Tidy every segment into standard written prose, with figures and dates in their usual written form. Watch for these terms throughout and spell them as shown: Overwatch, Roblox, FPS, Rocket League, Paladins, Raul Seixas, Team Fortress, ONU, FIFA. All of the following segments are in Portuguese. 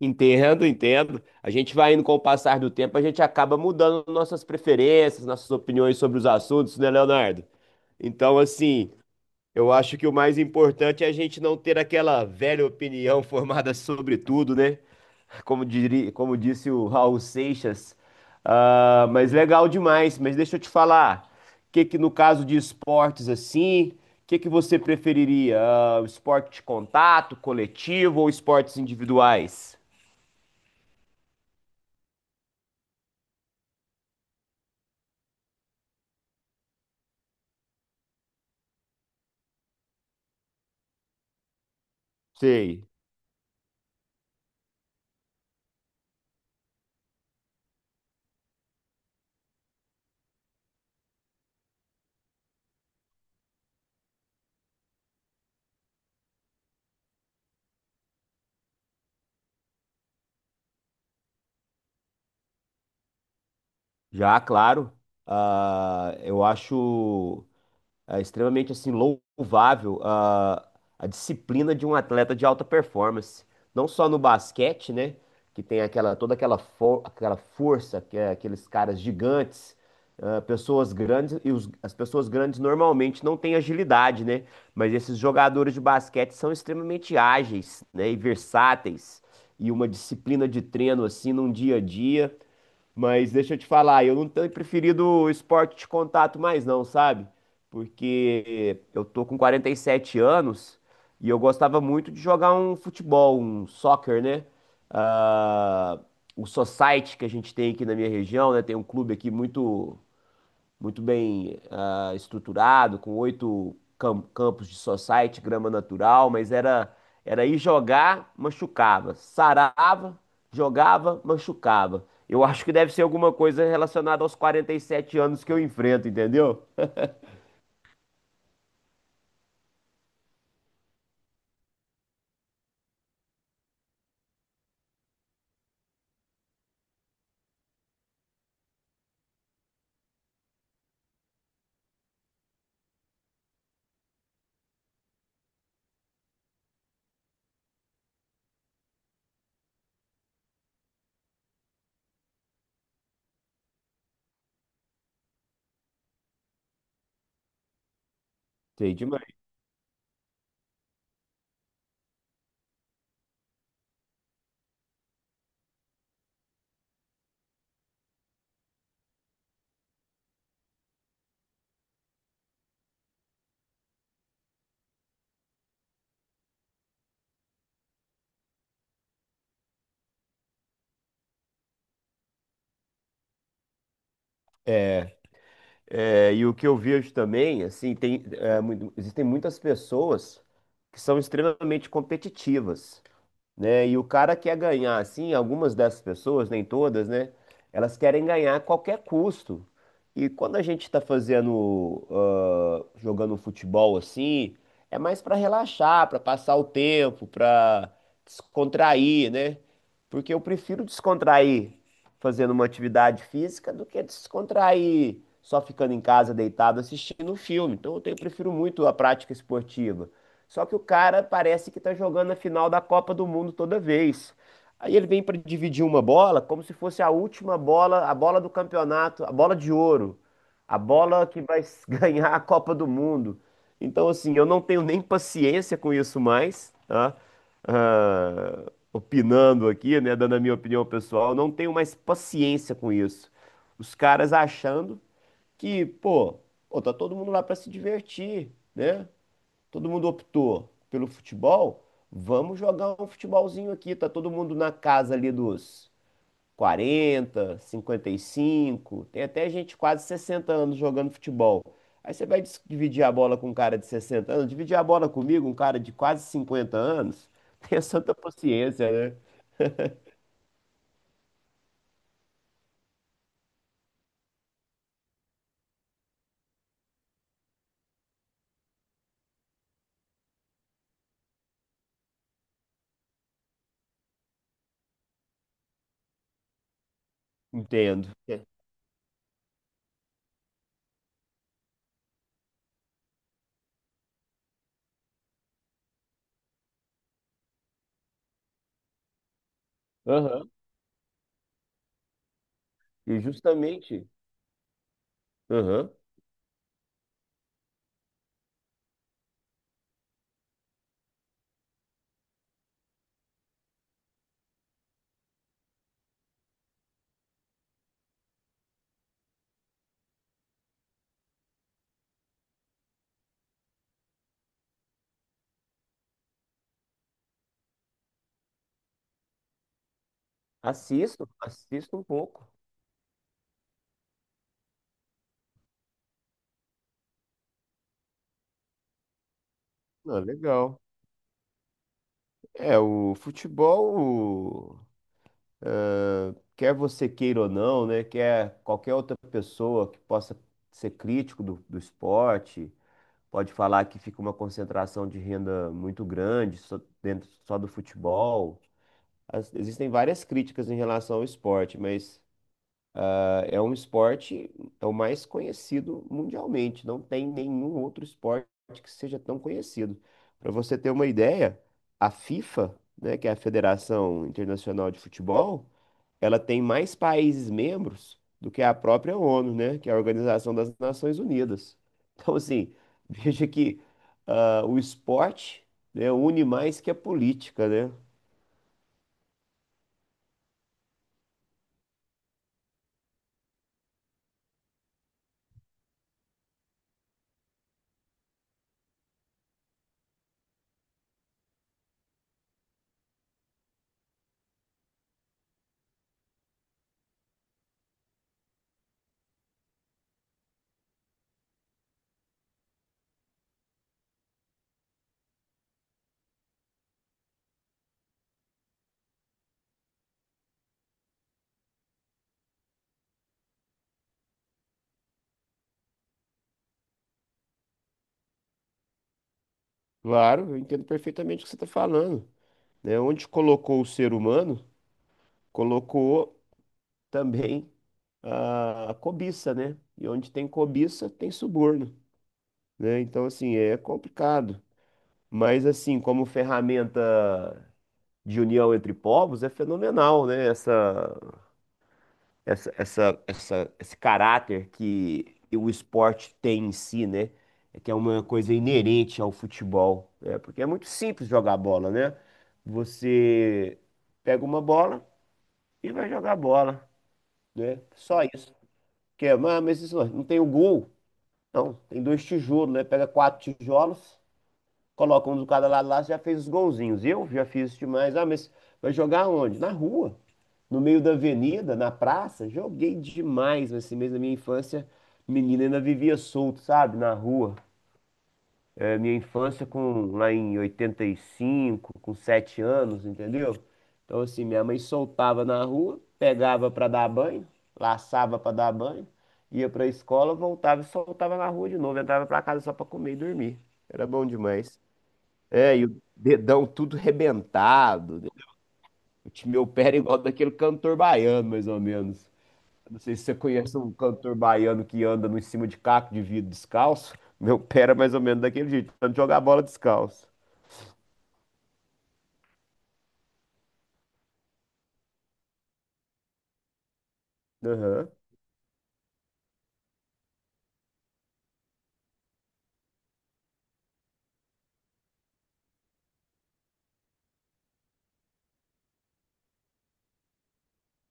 Entendo, entendo. A gente vai indo com o passar do tempo, a gente acaba mudando nossas preferências, nossas opiniões sobre os assuntos, né, Leonardo? Então, assim, eu acho que o mais importante é a gente não ter aquela velha opinião formada sobre tudo, né? Como diria, como disse o Raul Seixas. Ah, mas legal demais. Mas deixa eu te falar, o que que no caso de esportes assim, o que que você preferiria? Ah, esporte de contato, coletivo ou esportes individuais? Sei, já, claro. Ah, eu acho Extremamente assim louvável, ah, a disciplina de um atleta de alta performance, não só no basquete, né, que tem aquela, toda aquela força, que é aqueles caras gigantes, ah, pessoas grandes. E as pessoas grandes normalmente não têm agilidade, né? Mas esses jogadores de basquete são extremamente ágeis, né, e versáteis, e uma disciplina de treino assim num dia a dia. Mas deixa eu te falar, eu não tenho preferido o esporte de contato mais não, sabe? Porque eu tô com 47 anos e eu gostava muito de jogar um futebol, um soccer, né? Ah, o society que a gente tem aqui na minha região, né? Tem um clube aqui muito muito bem ah, estruturado, com oito campos de society, grama natural. Mas era, era ir jogar, machucava, sarava, jogava, machucava. Eu acho que deve ser alguma coisa relacionada aos 47 anos que eu enfrento, entendeu? Sei demais. É, e o que eu vejo também, assim, tem, existem muitas pessoas que são extremamente competitivas, né? E o cara quer ganhar, assim, algumas dessas pessoas, nem todas, né? Elas querem ganhar a qualquer custo. E quando a gente tá fazendo, jogando futebol assim, é mais pra relaxar, pra passar o tempo, pra descontrair, né? Porque eu prefiro descontrair fazendo uma atividade física do que descontrair só ficando em casa deitado assistindo um filme. Prefiro muito a prática esportiva. Só que o cara parece que tá jogando a final da Copa do Mundo toda vez. Aí ele vem pra dividir uma bola como se fosse a última bola, a bola do campeonato, a bola de ouro, a bola que vai ganhar a Copa do Mundo. Então, assim, eu não tenho nem paciência com isso mais, tá? Ah, opinando aqui, né, dando a minha opinião pessoal, eu não tenho mais paciência com isso. Os caras achando que, pô, tá todo mundo lá pra se divertir, né? Todo mundo optou pelo futebol, vamos jogar um futebolzinho aqui. Tá todo mundo na casa ali dos 40, 55, tem até gente de quase 60 anos jogando futebol. Aí você vai dividir a bola com um cara de 60 anos, dividir a bola comigo, um cara de quase 50 anos, tenha santa paciência, né? Entendo. É. Aham. E justamente, aham. Assisto, assisto um pouco. Ah, legal. É, o futebol, quer você queira ou não, né? Quer qualquer outra pessoa que possa ser crítico do, do esporte, pode falar que fica uma concentração de renda muito grande só, dentro só do futebol. Existem várias críticas em relação ao esporte, mas ah, é um esporte, é o mais conhecido mundialmente. Não tem nenhum outro esporte que seja tão conhecido. Para você ter uma ideia, a FIFA, né, que é a Federação Internacional de Futebol, ela tem mais países membros do que a própria ONU, né? Que é a Organização das Nações Unidas. Então, assim, veja que ah, o esporte, né, une mais que a política, né? Claro, eu entendo perfeitamente o que você está falando, né? Onde colocou o ser humano, colocou também a a cobiça, né? E onde tem cobiça, tem suborno, né? Então, assim, é complicado. Mas, assim, como ferramenta de união entre povos é fenomenal, né? Esse caráter que o esporte tem em si, né? É Que é uma coisa inerente ao futebol, né? Porque é muito simples jogar bola, né? Você pega uma bola e vai jogar bola, né? Só isso. Que é, "Ah, mas isso não tem o gol. Não, tem dois tijolos, né? Pega quatro tijolos, coloca um do cada lado lá, você já fez os golzinhos." Eu já fiz isso demais. Ah, mas vai jogar onde? Na rua, no meio da avenida, na praça, joguei demais. Mas assim mesmo, na minha infância, menina, ainda vivia solto, sabe, na rua. É, minha infância, com lá em 85, com 7 anos, entendeu? Então assim, minha mãe soltava na rua, pegava pra dar banho, laçava pra dar banho, ia pra escola, voltava e soltava na rua de novo, entrava pra casa só pra comer e dormir. Era bom demais. É, e o dedão tudo rebentado, né? O meu pé era igual daquele cantor baiano, mais ou menos. Não sei se você conhece um cantor baiano que anda no em cima de caco de vidro descalço. Meu pé era mais ou menos daquele jeito, tentando jogar a bola descalço. Aham,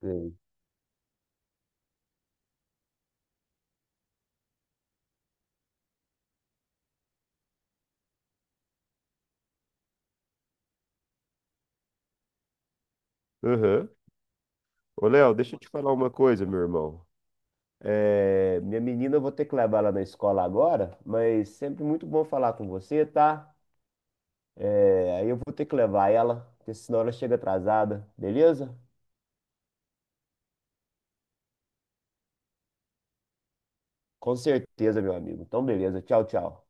sei. Aham. Ô, Léo, deixa eu te falar uma coisa, meu irmão. É, minha menina, eu vou ter que levar ela na escola agora, mas sempre muito bom falar com você, tá? É, aí eu vou ter que levar ela, porque senão ela chega atrasada, beleza? Com certeza, meu amigo. Então, beleza. Tchau, tchau.